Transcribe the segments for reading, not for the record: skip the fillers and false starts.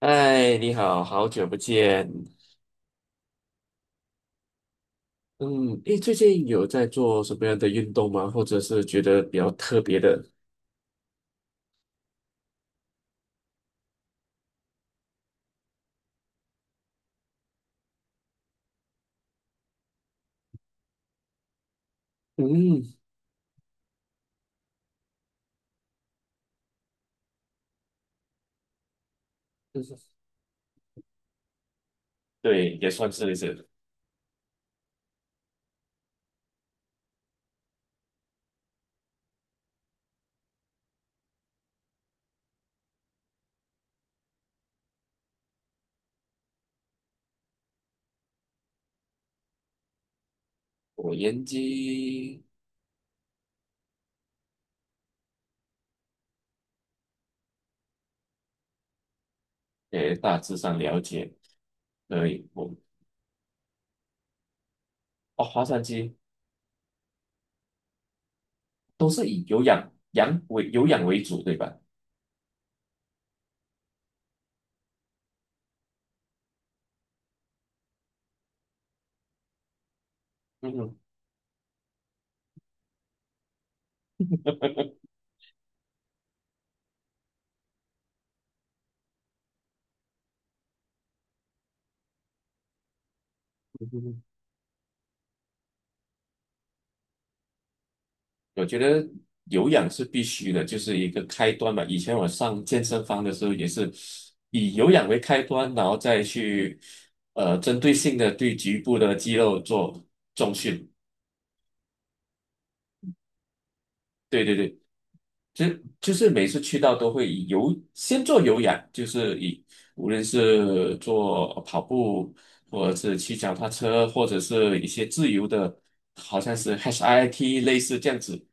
哎，你好，好久不见。嗯，诶，最近有在做什么样的运动吗？或者是觉得比较特别的？嗯，就是对，也算是。我研究，也大致上了解，所以我。哦，划船机都是以有氧为主，对吧？嗯哼，我觉得有氧是必须的，就是一个开端嘛。以前我上健身房的时候也是以有氧为开端，然后再去针对性的对局部的肌肉做重训。对对对，就就是每次去到都会先做有氧，就是无论是做跑步，或者是骑脚踏车，或者是一些自由的，好像是 HIIT 类似这样子。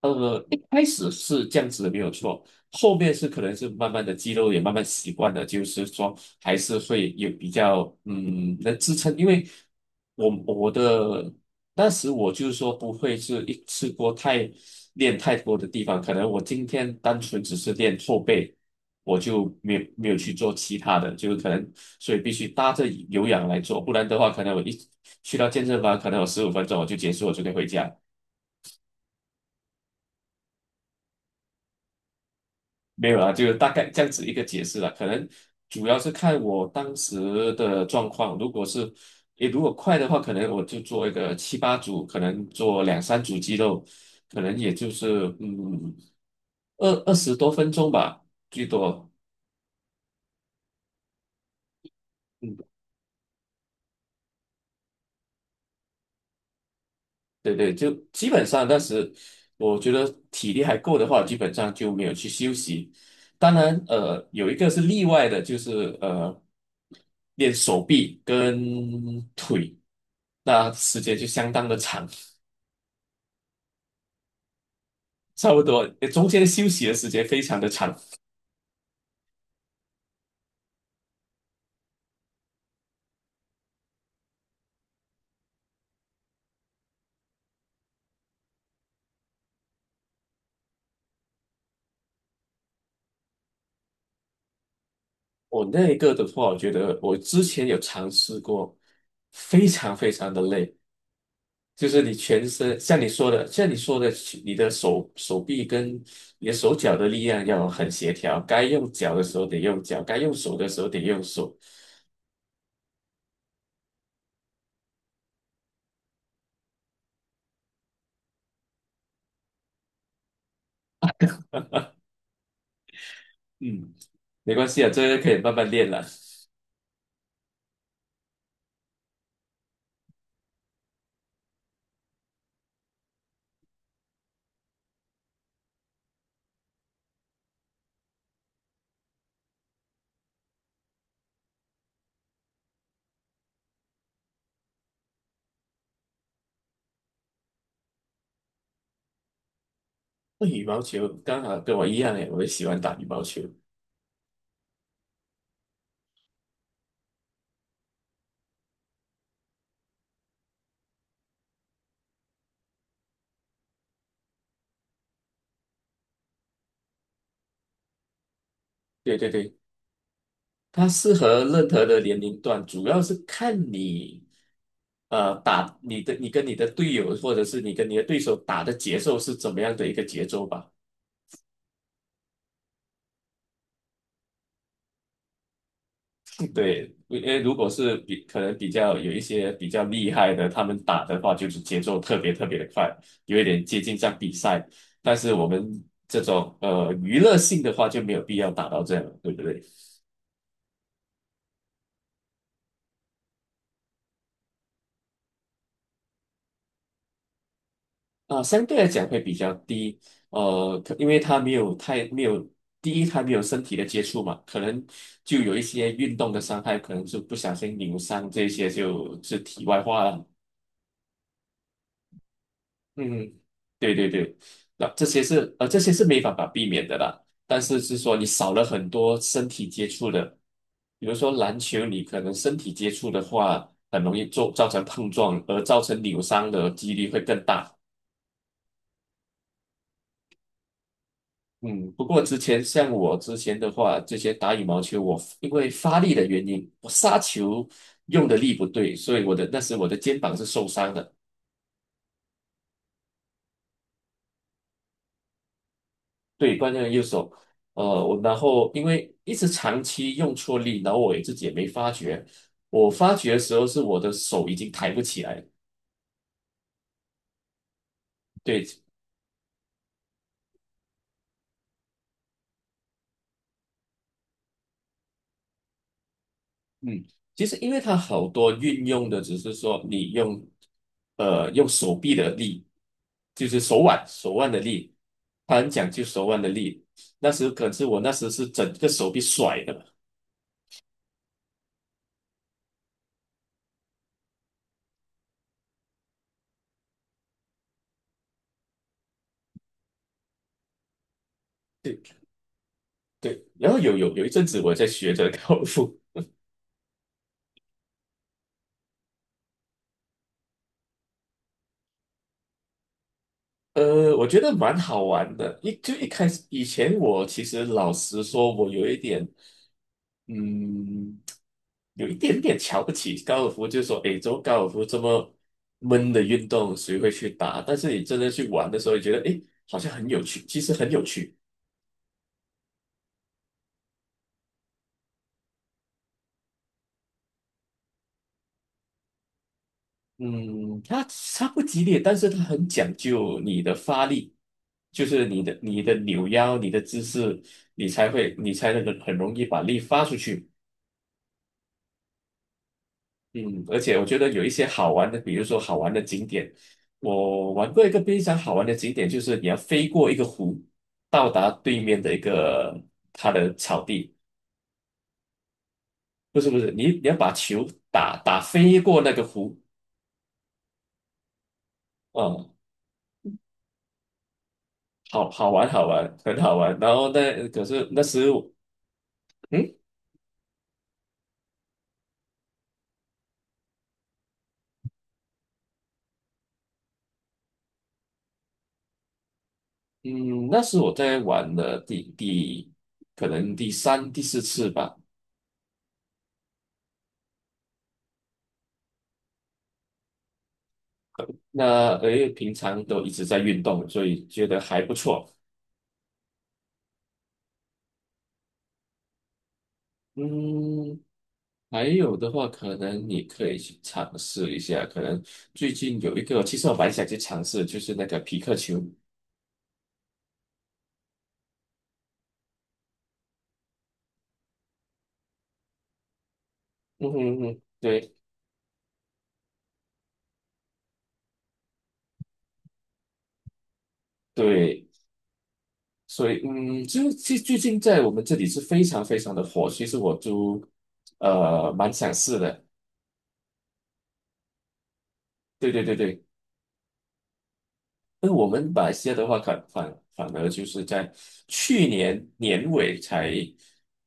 一开始是这样子的，没有错。后面是可能是慢慢的肌肉也慢慢习惯了，就是说还是会有比较能支撑，因为我我的当时我就是说不会是一次过练太多的地方，可能我今天单纯只是练后背，我就没有去做其他的，就是可能所以必须搭着有氧来做，不然的话可能我一去到健身房，可能我15分钟我就结束，我就可以回家。没有啦，就大概这样子一个解释啦。可能主要是看我当时的状况，如果是，你如果快的话，可能我就做一个七八组，可能做两三组肌肉，可能也就是二十多分钟吧，最多。嗯，对对，就基本上当时我觉得体力还够的话，基本上就没有去休息。当然，有一个是例外的，就是练手臂跟腿，那时间就相当的长，差不多中间休息的时间非常的长。我那一个的话，我觉得我之前有尝试过，非常非常的累。就是你全身，像你说的，你的手臂跟你的手脚的力量要很协调，该用脚的时候得用脚，该用手的时候得用手。嗯，没关系啊，这个可以慢慢练了。那羽毛球刚好跟我一样诶，我也喜欢打羽毛球。对对对，它适合任何的年龄段，主要是看你，呃，打你的你跟你的队友，或者是你跟你的对手打的节奏是怎么样的一个节奏吧。对，因为如果是可能比较有一些比较厉害的，他们打的话就是节奏特别特别的快，有一点接近像比赛。但是我们这种娱乐性的话就没有必要打到这样了，对不对？啊，相对来讲会比较低，因为他没有没有第一，它没有身体的接触嘛，可能就有一些运动的伤害，可能是不小心扭伤，这些就是题外话了。嗯，对对对，那这些是没办法避免的啦，但是说你少了很多身体接触的，比如说篮球，你可能身体接触的话，很容易做造成碰撞，而造成扭伤的几率会更大。嗯，不过之前像我之前的话，这些打羽毛球，我因为发力的原因，我杀球用的力不对，所以那时我的肩膀是受伤的。对，惯用的右手，我然后因为一直长期用错力，然后我也自己也没发觉。我发觉的时候是我的手已经抬不起来了。对，嗯，其实因为它好多运用的只是说你用手臂的力，就是手腕的力，它很讲究手腕的力。可是我那时是整个手臂甩的，对对。然后有一阵子我在学着高尔夫。我觉得蛮好玩的。一开始以前，我其实老实说，我有一点，嗯，有一点点瞧不起高尔夫，就是说，诶，做高尔夫这么闷的运动，谁会去打？但是你真的去玩的时候，你觉得，诶，好像很有趣，其实很有趣。嗯，它不激烈，但是它很讲究你的发力，就是你的扭腰、你的姿势，你才能很容易把力发出去。嗯，而且我觉得有一些好玩的，比如说好玩的景点，我玩过一个非常好玩的景点，就是你要飞过一个湖，到达对面的一个它的草地，不是不是，你要把球打飞过那个湖，嗯，好好玩好玩，很好玩。然后那可是那时我嗯嗯，那是我在玩的第可能第三第四次吧。那因为平常都一直在运动，所以觉得还不错。嗯，还有的话，可能你可以去尝试一下。可能最近有一个，其实我蛮想去尝试，就是那个皮克球。嗯哼哼，对对，所以就最近在我们这里是非常非常的火。其实我都蛮想试的。对对对对，那我们马来西亚的话，反而就是在去年年尾才，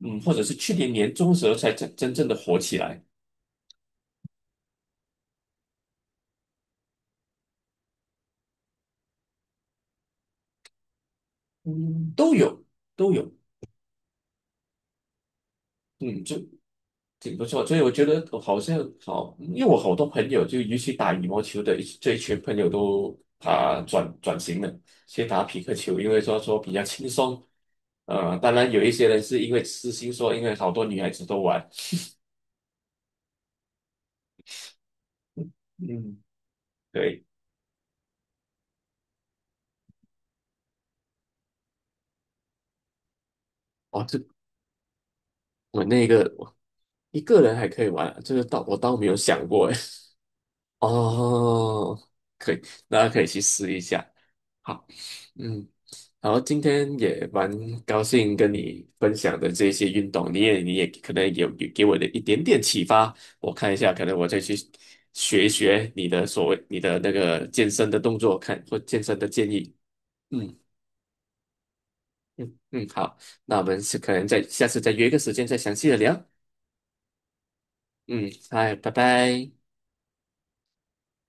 或者是去年年中时候才真正的火起来。嗯，都有都有。挺不错，所以我觉得好像好，因为我好多朋友就尤其打羽毛球的这一群朋友都啊转型了，先打匹克球，因为说比较轻松。当然有一些人是因为私心说，因为好多女孩子都玩。嗯，对，哦，这我那个我一个人还可以玩，这个倒我倒没有想过哎。哦，可以，大家可以去试一下。好，嗯，然后今天也蛮高兴跟你分享的这些运动，你也可能有给我的一点点启发，我看一下，可能我再去学一学你的那个健身的动作，或健身的建议。嗯嗯，好，那我们是可能再下次再约一个时间再详细的聊。嗯，嗨，拜拜。